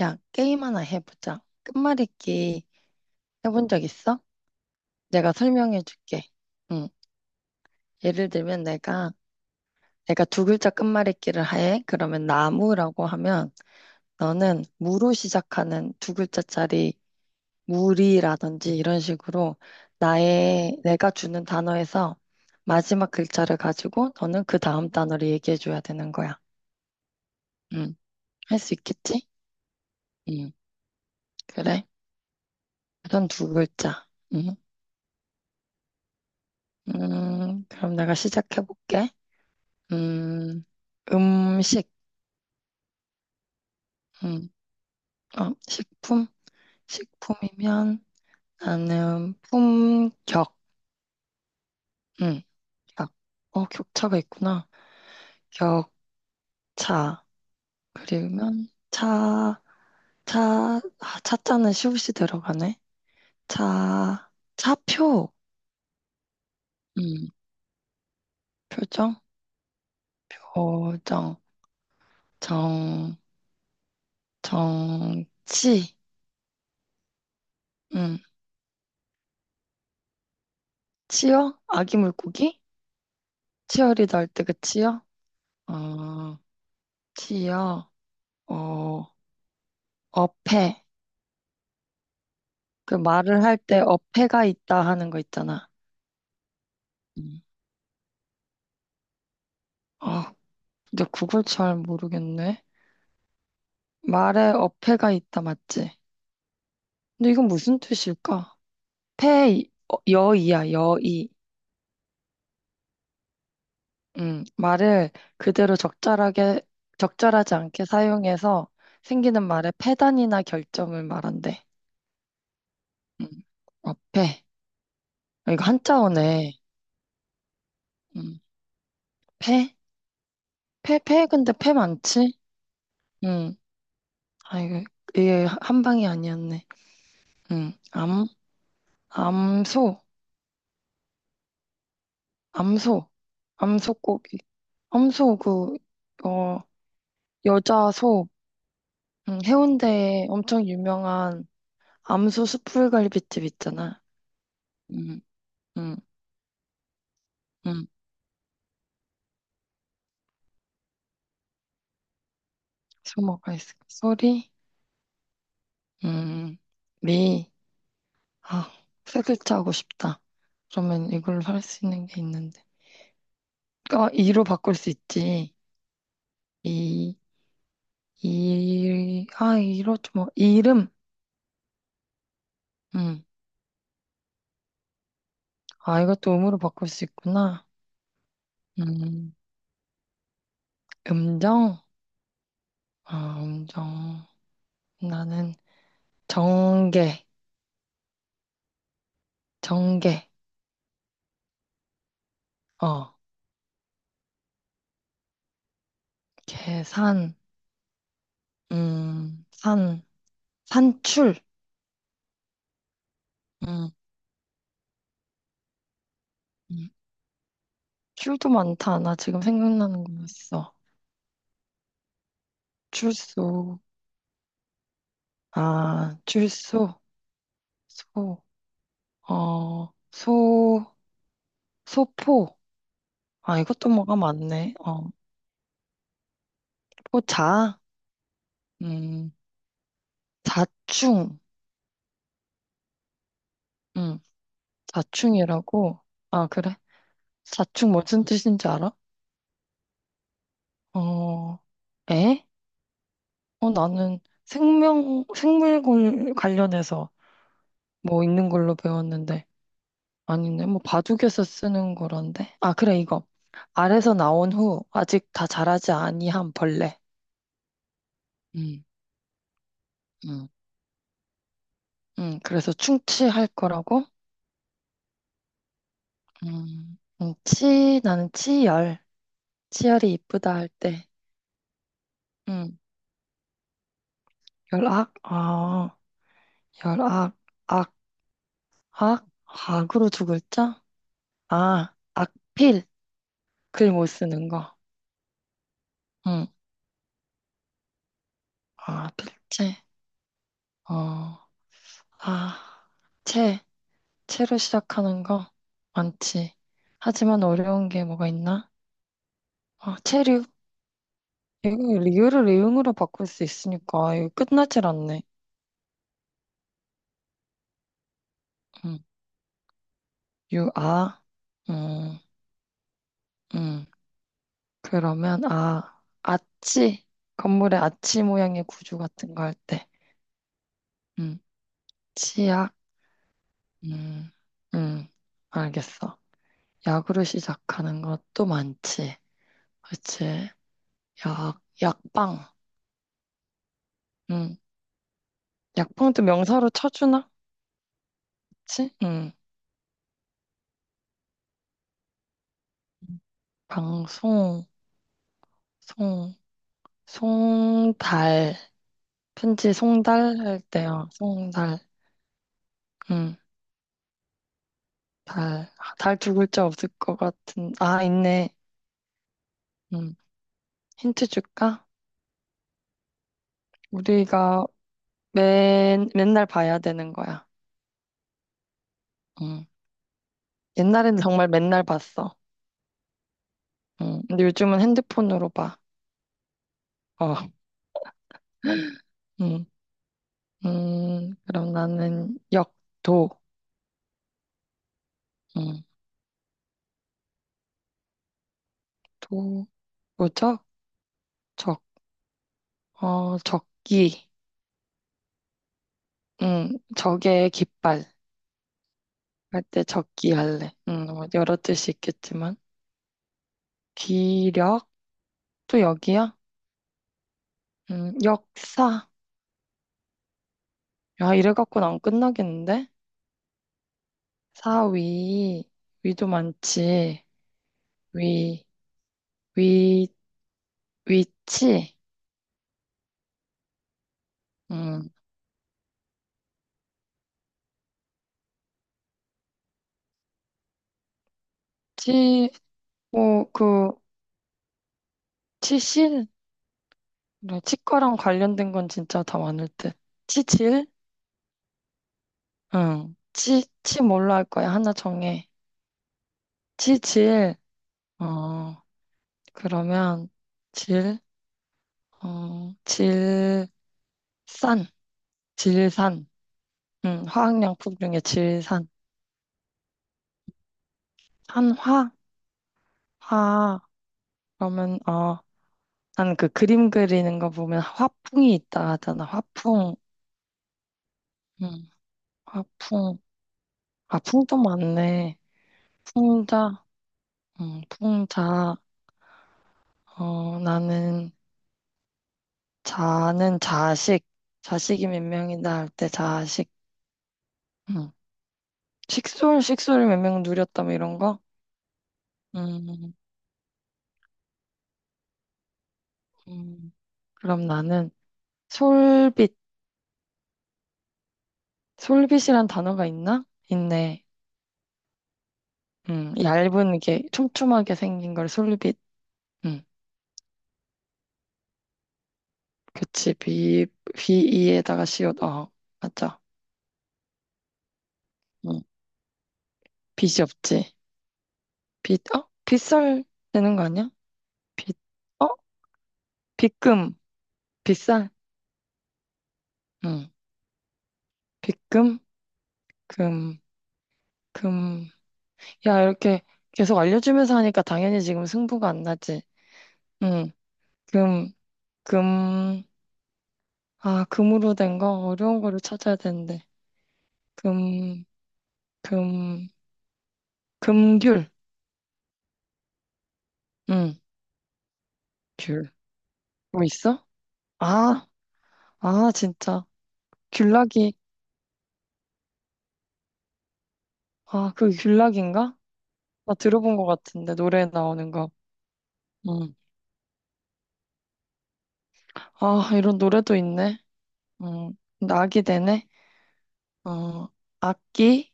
야, 게임 하나 해보자. 끝말잇기 해본 적 있어? 내가 설명해 줄게. 응. 예를 들면 내가 두 글자 끝말잇기를 해. 그러면 나무라고 하면 너는 무로 시작하는 두 글자짜리 무리라든지 이런 식으로 내가 주는 단어에서 마지막 글자를 가지고 너는 그 다음 단어를 얘기해 줘야 되는 거야. 응. 할 수 있겠지? 응. 그래. 우선 두 글자. 응. 그럼 내가 시작해 볼게. 음, 음식, 음, 식품? 식품이면 나는 품격, 음, 격. 격차가 있구나. 격차. 그리면 차, 차자는 시옷이 들어가네. 차, 차표, 음, 표정, 표정, 정, 정치, 음, 치어? 아기 물고기? 치어리더 할 때 그 치어? 어, 치어, 어, 어폐. 그 말을 할 때 어폐가 있다 하는 거 있잖아. 음. 아, 근데 그걸 잘 모르겠네. 말에 어폐가 있다 맞지? 근데 이건 무슨 뜻일까? 폐, 여이야, 여이. 말을 그대로 적절하지 않게 사용해서 생기는 말의 폐단이나 결점을 말한대. 음, 어폐. 아, 이거 한자어네. 음, 폐? 폐, 폐, 근데 폐 많지? 음, 아, 이게 한 방이 아니었네. 응, 암, 암소, 암소, 암소고기. 암소, 어, 여자 소, 응, 해운대에 엄청 유명한 암소 숯불갈비집 있잖아. 응, 응, 응, 소모가 있어. 소리, 응, 리, 아, 세 글자 하고 싶다. 그러면 이걸로 할 수 있는 게 있는데. 아, 이로 바꿀 수 있지. 이, 이, 아, 이로 좀, 이름. 응, 아, 이것도 음으로 바꿀 수 있구나. 음. 음정? 아, 음정. 나는 정계, 정계. 어, 계산, 산, 산출. 음, 음. 출도 많다. 나 지금 생각나는 거 있어. 출소, 아, 출소, 소, 소, 소포. 아, 이것도 뭐가 많네. 포자, 음, 자충, 음, 자충이라고. 아, 그래? 자충 무슨 뜻인지 알아? 어, 에? 나는 생명, 생물 관련해서 뭐 있는 걸로 배웠는데. 아니네. 뭐 바둑에서 쓰는 거란데. 아, 그래, 이거. 알에서 나온 후 아직 다 자라지 아니한 벌레. 음, 음. 그래서 충치할 거라고? 음. 치, 나는 치열. 치열이 이쁘다 할 때. 음, 열악? 아, 열악. 악, 악? 악으로 두 글자? 아, 악필. 글 못 쓰는 거. 응. 아, 필체. 어, 아, 채. 채로 시작하는 거 많지. 하지만 어려운 게 뭐가 있나? 아, 체류. 이거 리을을 리응으로 바꿀 수 있으니까 이거 끝나질 않네. 음, 유, 아. 음, 음. 그러면 아, 아치. 건물의 아치 모양의 구조 같은 거 할 때. 음, 치약. 음, 음. 알겠어. 약으로 시작하는 것도 많지. 그치? 약, 약방. 음. 약방도 명사로 쳐주나? 그치? 음. 방송, 송, 송달. 편지 송달 할 때요. 송달. 음. 달. 달 두 글자 없을 것 같은. 아, 있네. 음. 힌트 줄까? 우리가 맨날 봐야 되는 거야. 음. 옛날에는 정말 맨날 봤어. 음. 근데 요즘은 핸드폰으로 봐. 어. 음. 음. 그럼 나는 도. 음. 도, 뭐죠? 적. 적기. 응, 적의 깃발. 할 때 적기 할래. 응, 뭐 여러 뜻이 있겠지만. 기력? 또 여기야? 역사. 야, 이래 갖고는 안 끝나겠는데? 사위. 위도 많지. 위, 위, 위치. 음 치, 뭐, 그, 치실? 그래, 치과랑 관련된 건 진짜 다 많을 듯. 치질? 응. 치, 치 뭘로 할 거야? 하나 정해. 치질. 어. 그러면 질, 질산, 질산. 화학양품 중에 질산. 한화, 화. 그러면 나는 그 그림 그리는 거 보면 화풍이 있다 하잖아. 화풍. 음, 화풍. 아, 풍도 많네. 풍자. 풍자. 나는 자는 자식. 자식이 몇 명이다 할 때 자식. 음, 식솔, 식솔을 몇 명 누렸다 뭐 이런 거. 음, 음. 그럼 나는 솔빛, 솔빛이란 단어가 있나? 있네. 얇은 게 촘촘하게 생긴 걸 솔빛. 음, 그치. 비, 비이에다가 시옷. 어, 맞아. 음, 빛이 없지. 빛, 어? 빗살 되는 거 아니야? 빛, 어? 빗금, 빗살. 음, 빗금, 금, 금. 야, 이렇게 계속 알려주면서 하니까 당연히 지금 승부가 안 나지. 음, 금, 금. 아, 금으로 된 거? 어려운 거를 찾아야 되는데. 금, 금, 금귤. 응, 귤. 뭐 있어? 아, 아, 진짜. 귤락이. 아, 그 귤락인가? 나 들어본 것 같은데, 노래에 나오는 거. 응. 아, 이런 노래도 있네. 응. 낙이 되네. 어, 악기,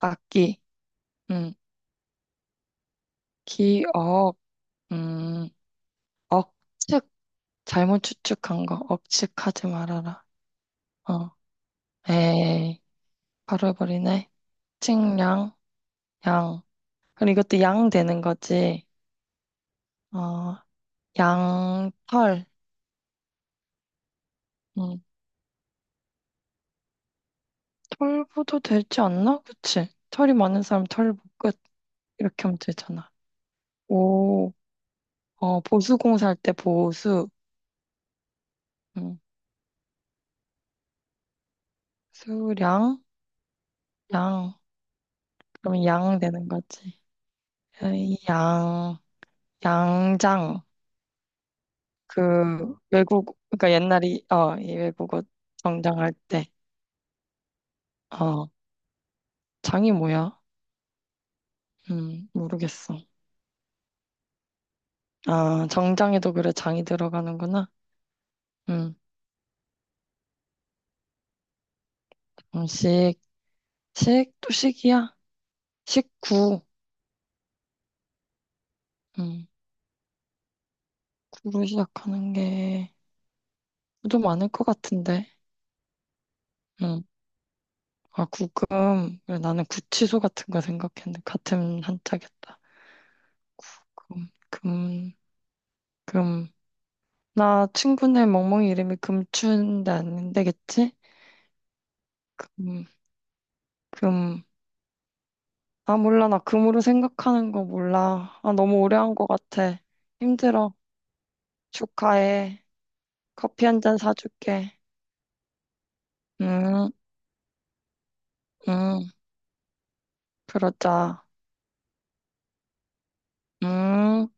악기. 응. 기억, 음, 억측. 잘못 추측한 거. 억측하지 말아라. 어, 에이. 바로 해버리네. 측량, 양. 그럼 이것도 양 되는 거지. 어, 양털. 음, 털보도 되지 않나? 그치? 털이 많은 사람 털보 끝. 이렇게 하면 되잖아. 오, 보수공사 할 때 보수. 음, 수량, 양. 그러면 양 되는 거지. 에이, 양, 양장. 그, 외국, 그러니까 옛날이, 이 외국어 정장할 때. 어, 장이 뭐야? 모르겠어. 아, 정장에도 그래, 장이 들어가는구나. 음, 음식. 식? 또 식이야? 식구. 음, 구로 시작하는 게 좀 많을 것 같은데. 음, 아, 구금. 그래, 나는 구치소 같은 거 생각했는데 같은 한자겠다. 구금, 금, 금. 나 친구네 멍멍이 이름이 금춘데 안 되겠지? 금, 금. 아, 몰라. 나 금으로 생각하는 거 몰라. 아, 너무 오래 한 것 같아. 힘들어. 축하해. 커피 한 잔 사줄게. 응, 응, 그러자. 응.